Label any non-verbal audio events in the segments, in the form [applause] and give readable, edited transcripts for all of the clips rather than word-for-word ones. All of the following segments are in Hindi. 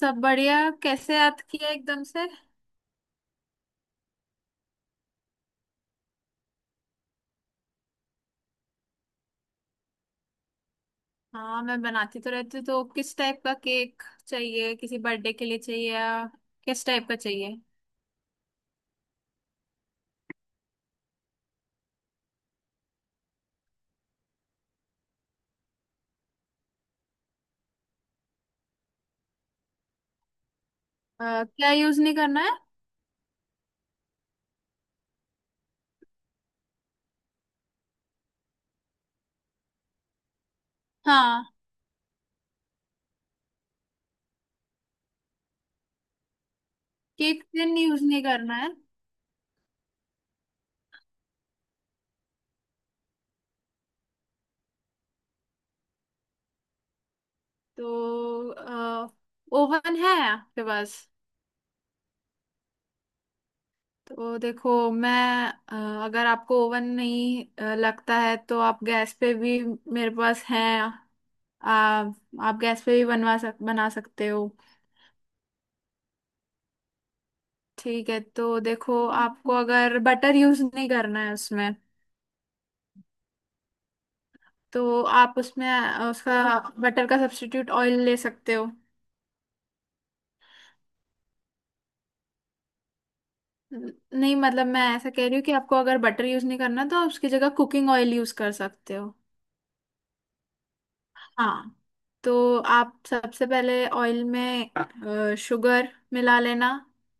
सब बढ़िया। कैसे याद किया एकदम से? हाँ, मैं बनाती तो रहती हूँ। तो किस टाइप का केक चाहिए? किसी बर्थडे के लिए चाहिए या? किस टाइप का चाहिए? क्या यूज नहीं करना है? हाँ। केक टिन यूज नहीं करना है? तो ओवन है आपके पास? तो देखो, मैं अगर आपको ओवन नहीं लगता है तो आप गैस पे भी। मेरे पास है। आप आप गैस पे भी बनवा सक बना सकते हो। ठीक है। तो देखो, आपको अगर बटर यूज नहीं करना है उसमें, तो आप उसमें उसका बटर का सब्स्टिट्यूट ऑयल ले सकते हो। नहीं, मतलब मैं ऐसा कह रही हूँ कि आपको अगर बटर यूज नहीं करना, तो आप उसकी जगह कुकिंग ऑयल यूज कर सकते हो। हाँ। तो आप सबसे पहले ऑयल में शुगर मिला लेना,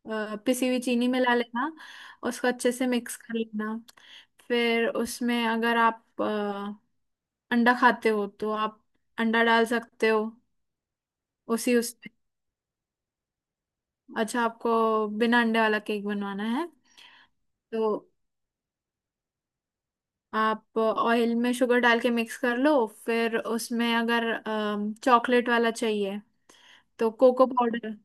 पिसी हुई चीनी मिला लेना। उसको अच्छे से मिक्स कर लेना। फिर उसमें अगर आप अंडा खाते हो तो आप अंडा डाल सकते हो। उसी उसमें अच्छा, आपको बिना अंडे वाला केक बनवाना है। तो आप ऑयल में शुगर डाल के मिक्स कर लो, फिर उसमें अगर चॉकलेट वाला चाहिए तो कोको पाउडर।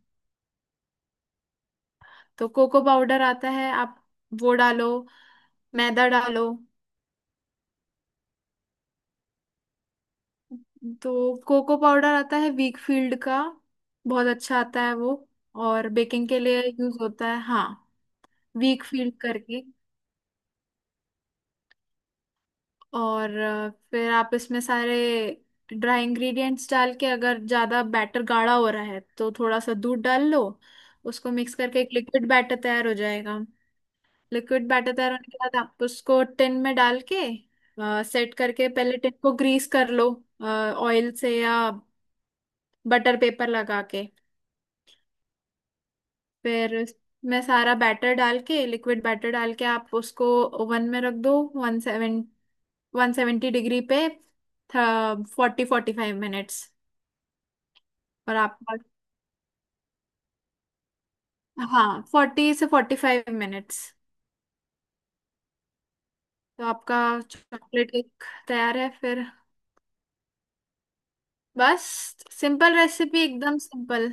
तो कोको पाउडर आता है, आप वो डालो, मैदा डालो। तो कोको पाउडर आता है वीक फील्ड का, बहुत अच्छा आता है वो, और बेकिंग के लिए यूज होता है। हाँ, वीक फील्ड करके। और फिर आप इसमें सारे ड्राई इंग्रेडिएंट्स डाल के अगर ज़्यादा बैटर गाढ़ा हो रहा है तो थोड़ा सा दूध डाल लो। उसको मिक्स करके एक लिक्विड बैटर तैयार हो जाएगा। लिक्विड बैटर तैयार होने के बाद आप उसको टिन में डाल के सेट करके, पहले टिन को ग्रीस कर लो ऑयल से या बटर पेपर लगा के। फिर मैं सारा बैटर डाल के, लिक्विड बैटर डाल के, आप उसको ओवन में रख दो, 170 डिग्री पे, फोर्टी फोर्टी फाइव मिनट्स। और आपका, हाँ, 40 से 45 मिनट्स। तो आपका चॉकलेट केक तैयार है फिर। बस, सिंपल रेसिपी, एकदम सिंपल।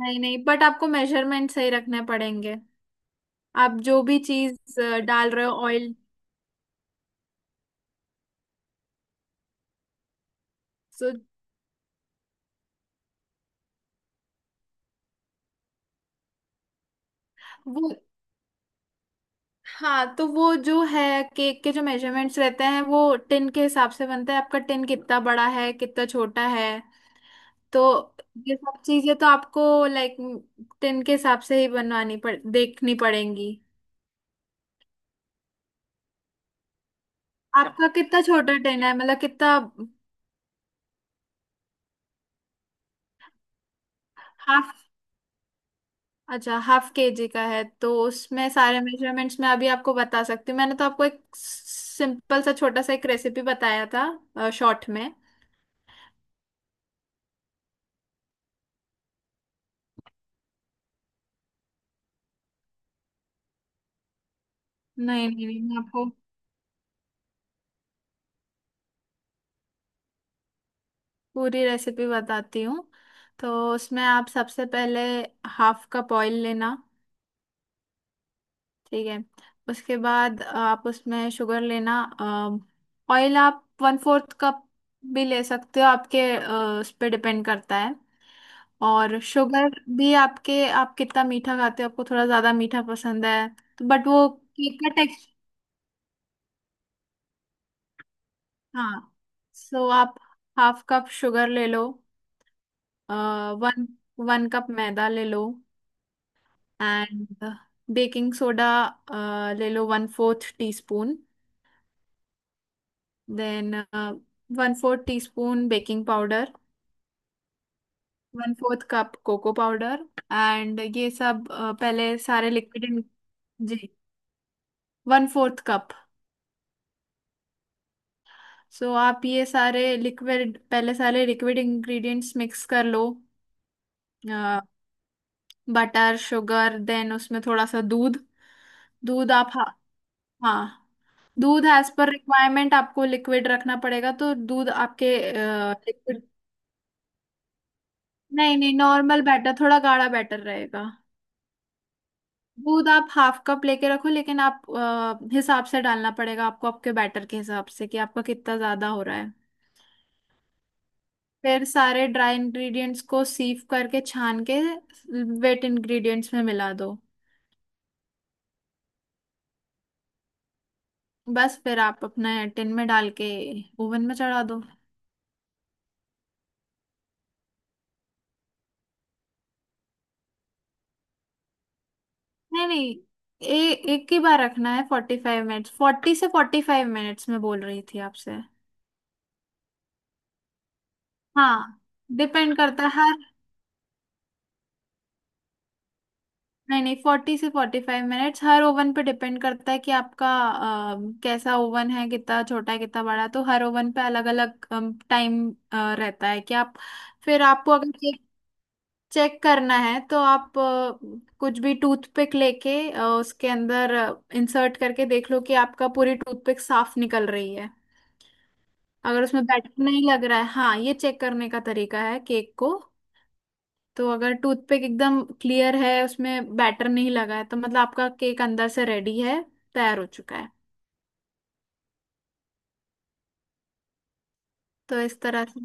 नहीं नहीं, बट आपको मेजरमेंट सही रखने पड़ेंगे। आप जो भी चीज डाल रहे हो ऑयल, तो वो, हाँ, तो वो जो है, केक के जो मेजरमेंट्स रहते हैं वो टिन के हिसाब से बनता है। आपका टिन कितना बड़ा है, कितना छोटा है। तो ये सब चीजें तो आपको लाइक टिन के हिसाब से ही बनवानी पड़ देखनी पड़ेंगी। आपका कितना छोटा टेन है, मतलब कितना? हाफ? अच्छा, हाफ केजी का है, तो उसमें सारे मेजरमेंट्स मैं अभी आपको बता सकती हूँ। मैंने तो आपको एक सिंपल सा छोटा सा एक रेसिपी बताया था शॉर्ट में। नहीं नहीं नहीं मैं आपको पूरी रेसिपी बताती हूँ। तो उसमें आप सबसे पहले 1/2 कप ऑयल लेना। ठीक है? उसके बाद आप उसमें शुगर लेना। ऑयल आप 1/4 कप भी ले सकते हो, आपके उस पर डिपेंड करता है। और शुगर भी आपके, आप कितना मीठा खाते हो, आपको थोड़ा ज्यादा मीठा पसंद है तो, बट वो केक का टेक्सचर। हाँ, सो आप 1/2 कप शुगर ले लो। वन 1 कप मैदा ले लो। एंड बेकिंग सोडा ले लो 1/4 tea spoon. Then 1/4 tea spoon baking powder. 1/4 cup cocoa powder. And ये सब पहले सारे लिक्विड। जी, 1/4 कप। सो आप ये सारे लिक्विड, पहले सारे लिक्विड इंग्रेडिएंट्स मिक्स कर लो, बटर शुगर, देन उसमें थोड़ा सा दूध। दूध आप, हाँ, हाँ, दूध एज पर रिक्वायरमेंट, आपको लिक्विड रखना पड़ेगा तो दूध आपके लिक्विड, नहीं नहीं, नॉर्मल बैटर, थोड़ा गाढ़ा बैटर रहेगा। दूध आप 1/2 कप लेके रखो, लेकिन आप हिसाब से डालना पड़ेगा आपको, आपके बैटर के हिसाब से कि आपका कितना ज्यादा हो रहा है। फिर सारे ड्राई इंग्रेडिएंट्स को सीव करके, छान के, वेट इंग्रेडिएंट्स में मिला दो। बस, फिर आप अपने टिन में डाल के ओवन में चढ़ा दो। नहीं नहीं, एक ही बार रखना है। 45 मिनट्स, 40 से 45 मिनट्स में बोल रही थी आपसे। हाँ, डिपेंड करता है हर, नहीं नहीं, 40 से 45 मिनट्स हर ओवन पे डिपेंड करता है कि आपका अ, कैसा ओवन है, कितना छोटा है, कितना बड़ा है, तो हर ओवन पे अलग अलग टाइम रहता है कि आप। फिर आपको अगर चेक करना है तो आप कुछ भी टूथपिक लेके उसके अंदर इंसर्ट करके देख लो कि आपका पूरी टूथपिक साफ निकल रही है। अगर उसमें बैटर नहीं लग रहा है, हाँ, ये चेक करने का तरीका है केक को। तो अगर टूथपिक एकदम क्लियर है, उसमें बैटर नहीं लगा है, तो मतलब आपका केक अंदर से रेडी है, तैयार हो चुका है। तो इस तरह से।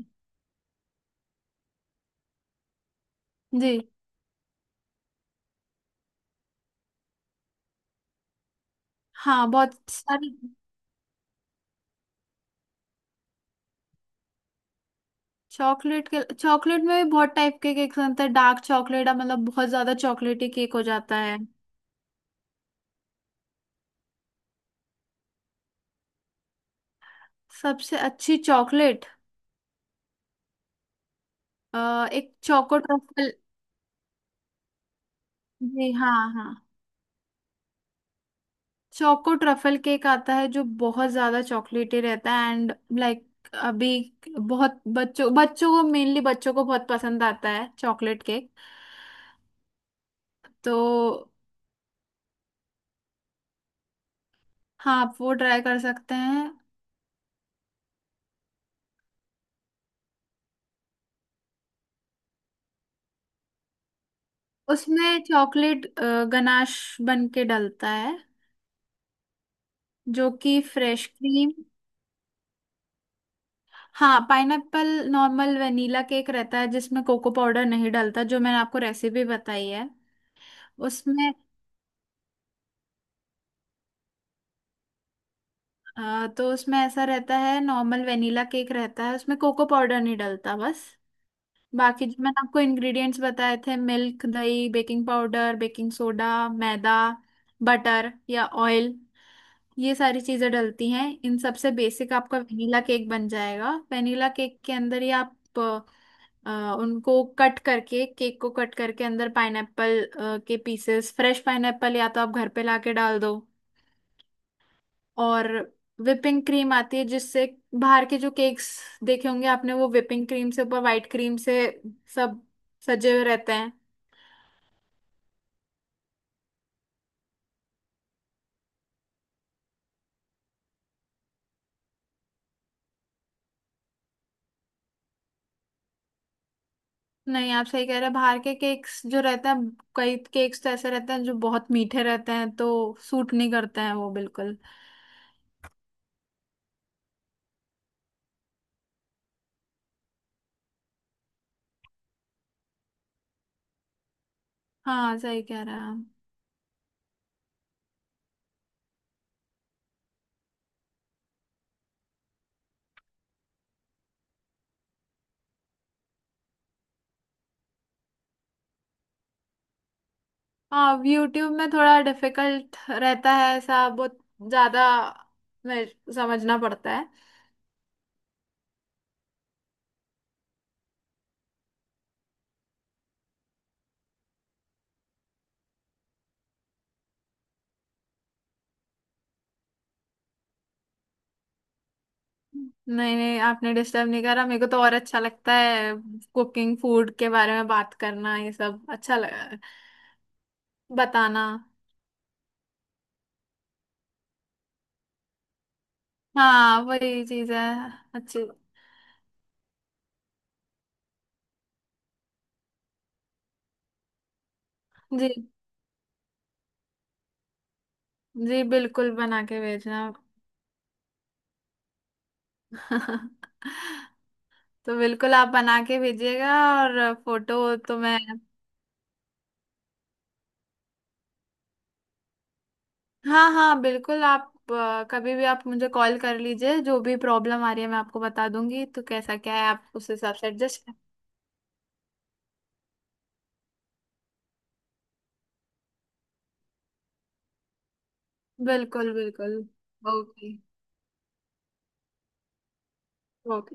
जी हाँ, बहुत सारी। चॉकलेट के, चॉकलेट में भी बहुत टाइप के केक्स बनते हैं। डार्क चॉकलेट, मतलब बहुत ज्यादा चॉकलेटी केक हो जाता है। सबसे अच्छी चॉकलेट एक चोको ट्रफल। जी हाँ, हाँ, चोको ट्रफल केक आता है जो बहुत ज्यादा चॉकलेटी रहता है, एंड लाइक अभी बहुत बच्चों बच्चों को मेनली बच्चों को बहुत पसंद आता है चॉकलेट केक। तो हाँ, आप वो ट्राई कर सकते हैं। उसमें चॉकलेट गनाश बन के डलता है, जो कि फ्रेश क्रीम। हाँ, पाइनएप्पल नॉर्मल वनीला केक रहता है जिसमें कोको पाउडर नहीं डलता, जो मैंने आपको रेसिपी बताई है उसमें। तो उसमें ऐसा रहता है, नॉर्मल वेनिला केक रहता है, उसमें कोको पाउडर नहीं डलता बस। बाकी जो मैंने आपको इंग्रेडिएंट्स बताए थे — मिल्क, दही, बेकिंग पाउडर, बेकिंग सोडा, मैदा, बटर या ऑयल — ये सारी चीजें डलती हैं। इन सबसे बेसिक आपका वेनिला केक बन जाएगा। वेनिला केक के अंदर ही आप उनको कट करके, केक को कट करके, अंदर पाइनएप्पल के पीसेस, फ्रेश पाइनएप्पल या तो आप घर पे लाके डाल दो। और whipping क्रीम आती है जिससे, बाहर के जो केक्स देखे होंगे आपने, वो whipping क्रीम से, ऊपर व्हाइट क्रीम से सब सजे हुए रहते हैं। नहीं, आप सही कह रहे हैं, बाहर के केक्स जो रहते हैं, कई केक्स तो ऐसे रहते हैं जो बहुत मीठे रहते हैं तो सूट नहीं करते हैं वो बिल्कुल। हाँ, सही कह रहे हैं आप। हाँ, यूट्यूब में थोड़ा डिफिकल्ट रहता है, ऐसा बहुत ज्यादा, मैं, समझना पड़ता है। नहीं नहीं, आपने डिस्टर्ब नहीं करा, मेरे को तो और अच्छा लगता है कुकिंग फूड के बारे में बात करना। ये सब अच्छा लगा बताना। हाँ, वही चीज है, अच्छी। जी जी, बिल्कुल बना के भेजना। [laughs] तो बिल्कुल आप बना के भेजिएगा, और फोटो तो मैं, हाँ। हाँ बिल्कुल, आप कभी भी आप मुझे कॉल कर लीजिए, जो भी प्रॉब्लम आ रही है मैं आपको बता दूंगी, तो कैसा क्या है आप उस हिसाब से एडजस्ट। बिल्कुल बिल्कुल। Okay okay.